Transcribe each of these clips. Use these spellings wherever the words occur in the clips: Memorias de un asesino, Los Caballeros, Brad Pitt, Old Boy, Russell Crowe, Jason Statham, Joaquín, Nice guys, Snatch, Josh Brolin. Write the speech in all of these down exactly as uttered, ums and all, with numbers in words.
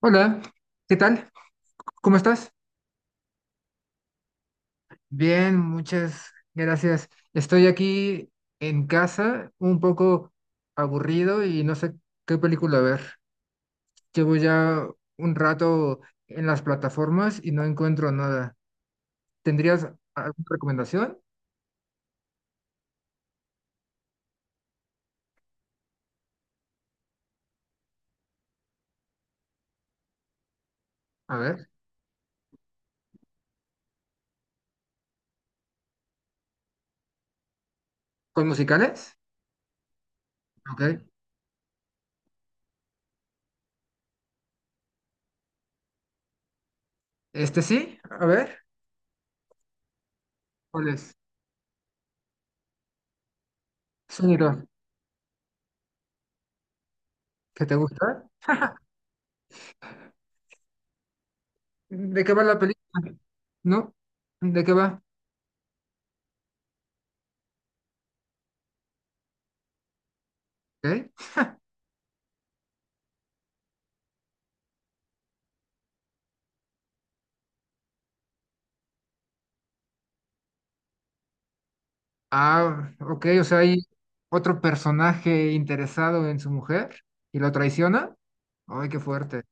Hola, ¿qué tal? ¿Cómo estás? Bien, muchas gracias. Estoy aquí en casa, un poco aburrido y no sé qué película ver. Llevo ya un rato en las plataformas y no encuentro nada. ¿Tendrías alguna recomendación? A ver, ¿con musicales? Ok. ¿Este sí? A ver, ¿cuál es? Sonido, ¿que te gusta? ¿De qué va la película? ¿No? ¿De qué va? ¿Ok? Ah, ok, o sea, hay otro personaje interesado en su mujer y lo traiciona. Ay, qué fuerte.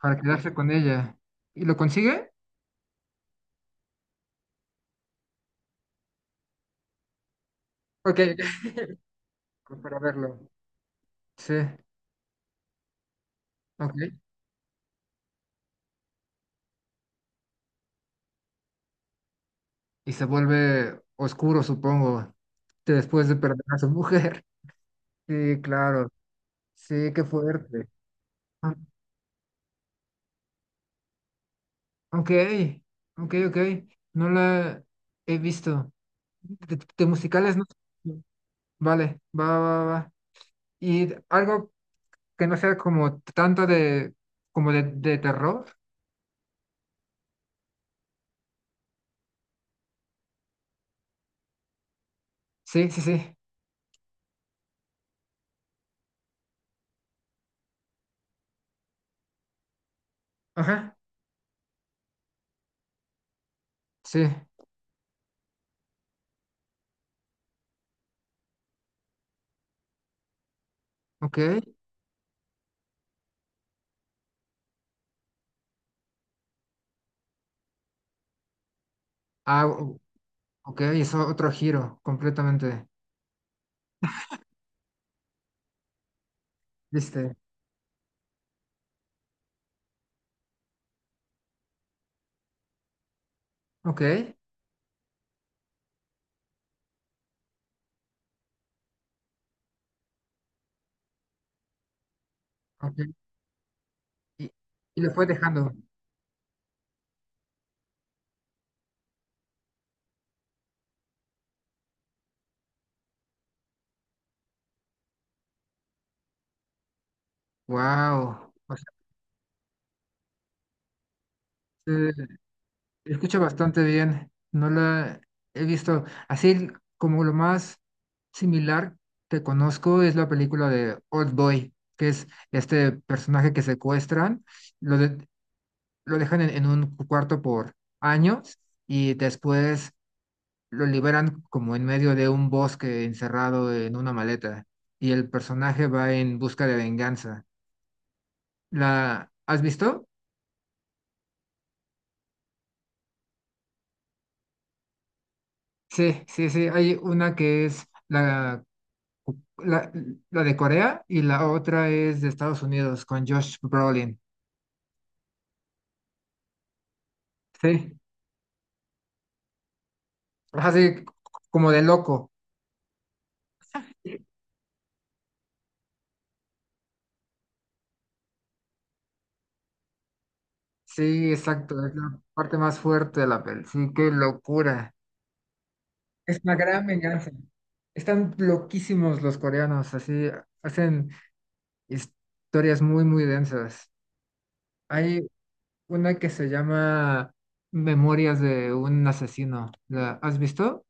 Para quedarse con ella. ¿Y lo consigue? Ok, ok, para verlo. Sí, ok. Y se vuelve oscuro, supongo, de- después de perder a su mujer. Sí, claro. Sí, qué fuerte. Ah, ok, ok, ok. No la he visto. De, de musicales no. Vale, va, va, va. ¿Y algo que no sea como tanto de, como de, de terror? Sí, sí, sí. Ajá. Sí. Ok. Ah, o- ok, hizo otro giro completamente. ¿Viste? Ok. Ok. Y, y lo fue dejando. Wow. O sea, se escucha bastante bien. No la he visto. Así como lo más similar que conozco es la película de Old Boy, que es este personaje que secuestran, lo de- lo dejan en, en un cuarto por años y después lo liberan como en medio de un bosque encerrado en una maleta, y el personaje va en busca de venganza. ¿La has visto? Sí, sí, sí. Hay una que es la, la, la de Corea y la otra es de Estados Unidos con Josh Brolin. Sí, así como de loco. Sí, exacto. Es la parte más fuerte de la peli. Sí, qué locura. Es una gran venganza. Están loquísimos los coreanos, así hacen historias muy, muy densas. Hay una que se llama Memorias de un asesino. ¿La has visto?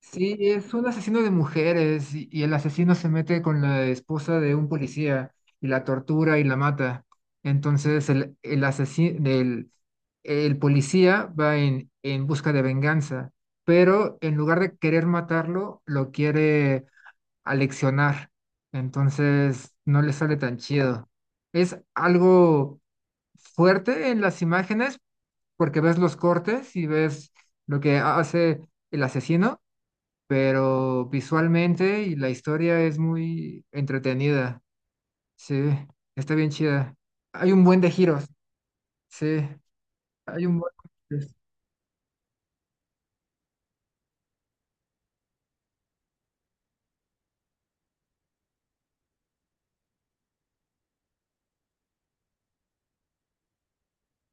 Sí, es un asesino de mujeres, y, y el asesino se mete con la esposa de un policía y la tortura y la mata. Entonces el, el asesino, el, el policía va en, en busca de venganza, pero en lugar de querer matarlo, lo quiere aleccionar. Entonces no le sale tan chido. Es algo fuerte en las imágenes porque ves los cortes y ves lo que hace el asesino, pero visualmente y la historia es muy entretenida. Sí, está bien chida. Hay un buen de giros. Sí, hay un buen de giros.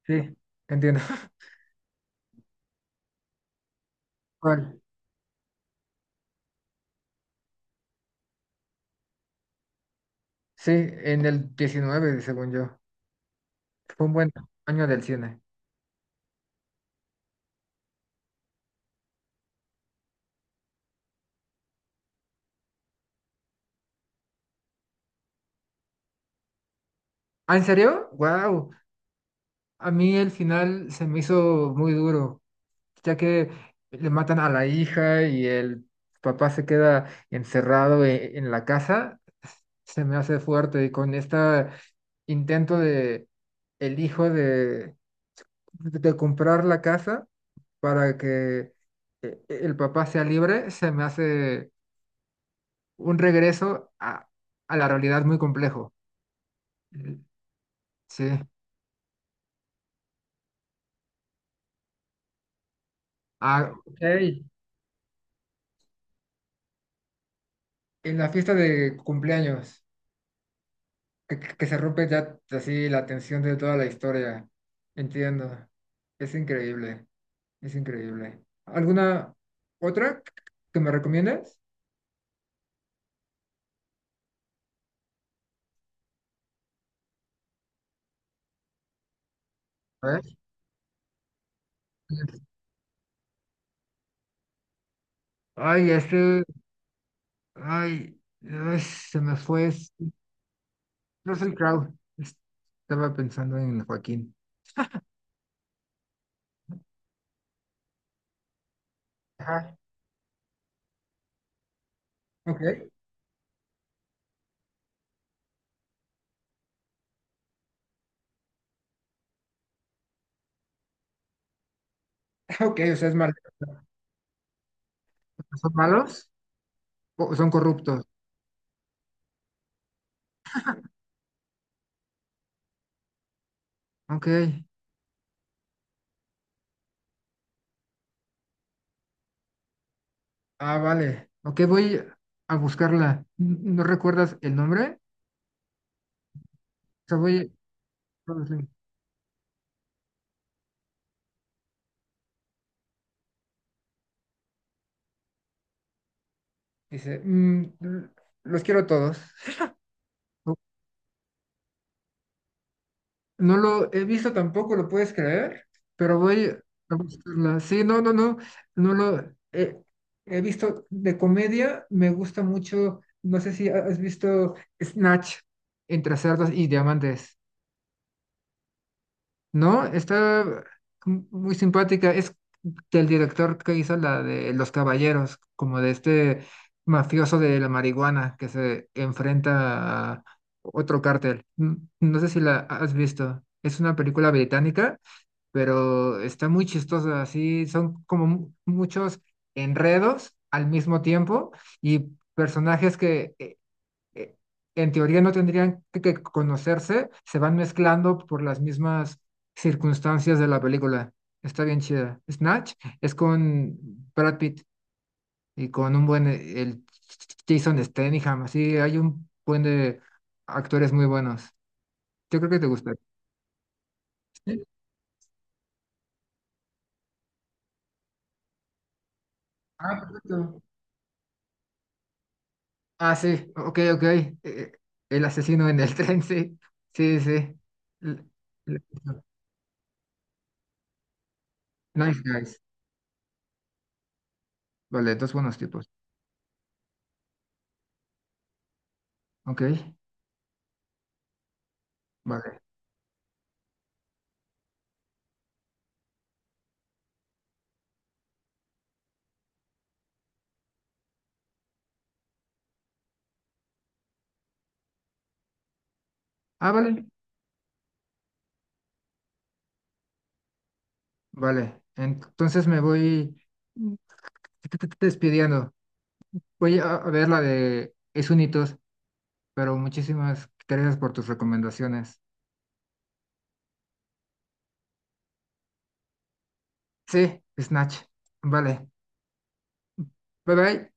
Sí, entiendo. ¿Cuál? Sí, en el diecinueve según yo. Fue un buen año del cine. ¿Ah, en serio? ¡Wow! A mí el final se me hizo muy duro, ya que le matan a la hija y el papá se queda encerrado e- en la casa. Se me hace fuerte, y con este intento de el hijo de, de comprar la casa para que eh, el papá sea libre, se me hace un regreso a, a la realidad muy complejo. Sí. Ah, ok. En la fiesta de cumpleaños. que, que- que se rompe ya así la tensión de toda la historia. Entiendo. Es increíble, es increíble. ¿Alguna otra que me recomiendas? A ver. Ay, este, ay, ay, se me fue. Es Russell Crowe. Es- Estaba pensando en Joaquín. Ajá. Ok, ok, o sea, es malo. ¿Son malos? ¿O son corruptos? Ok. Ah, vale. Ok, voy a buscarla. ¿No recuerdas el nombre? O sea, voy... Dice, "Mm, los quiero a todos". No, no lo he visto tampoco, ¿lo puedes creer? Pero voy a buscarla. Sí, no, no, no, no lo he, he visto de comedia. Me gusta mucho, no sé si has visto Snatch entre cerdos y diamantes. No, está muy simpática. Es del director que hizo la de Los Caballeros, como de este mafioso de la marihuana que se enfrenta a otro cártel. N- No sé si la has visto. Es una película británica, pero está muy chistosa. Así son como mu- muchos enredos al mismo tiempo, y personajes que eh, eh, en teoría no tendrían que, que conocerse, se van mezclando por las mismas circunstancias de la película. Está bien chida. Snatch es con Brad Pitt y con un buen, eh, el Jason Statham, así hay un buen de actores muy buenos. Yo creo que te gusta. Sí. Ah, perfecto. Ah, sí, ok, ok. Eh, el asesino en el tren, sí. Sí, sí. L- l- Nice guys. Vale, dos buenos tipos. Ok, vale. Ah, vale. Vale, entonces me voy mm, t- t- t- despidiendo. Voy a a ver la de Es Unitos, pero muchísimas gracias por tus recomendaciones. Sí, Snatch. Vale, bye bye.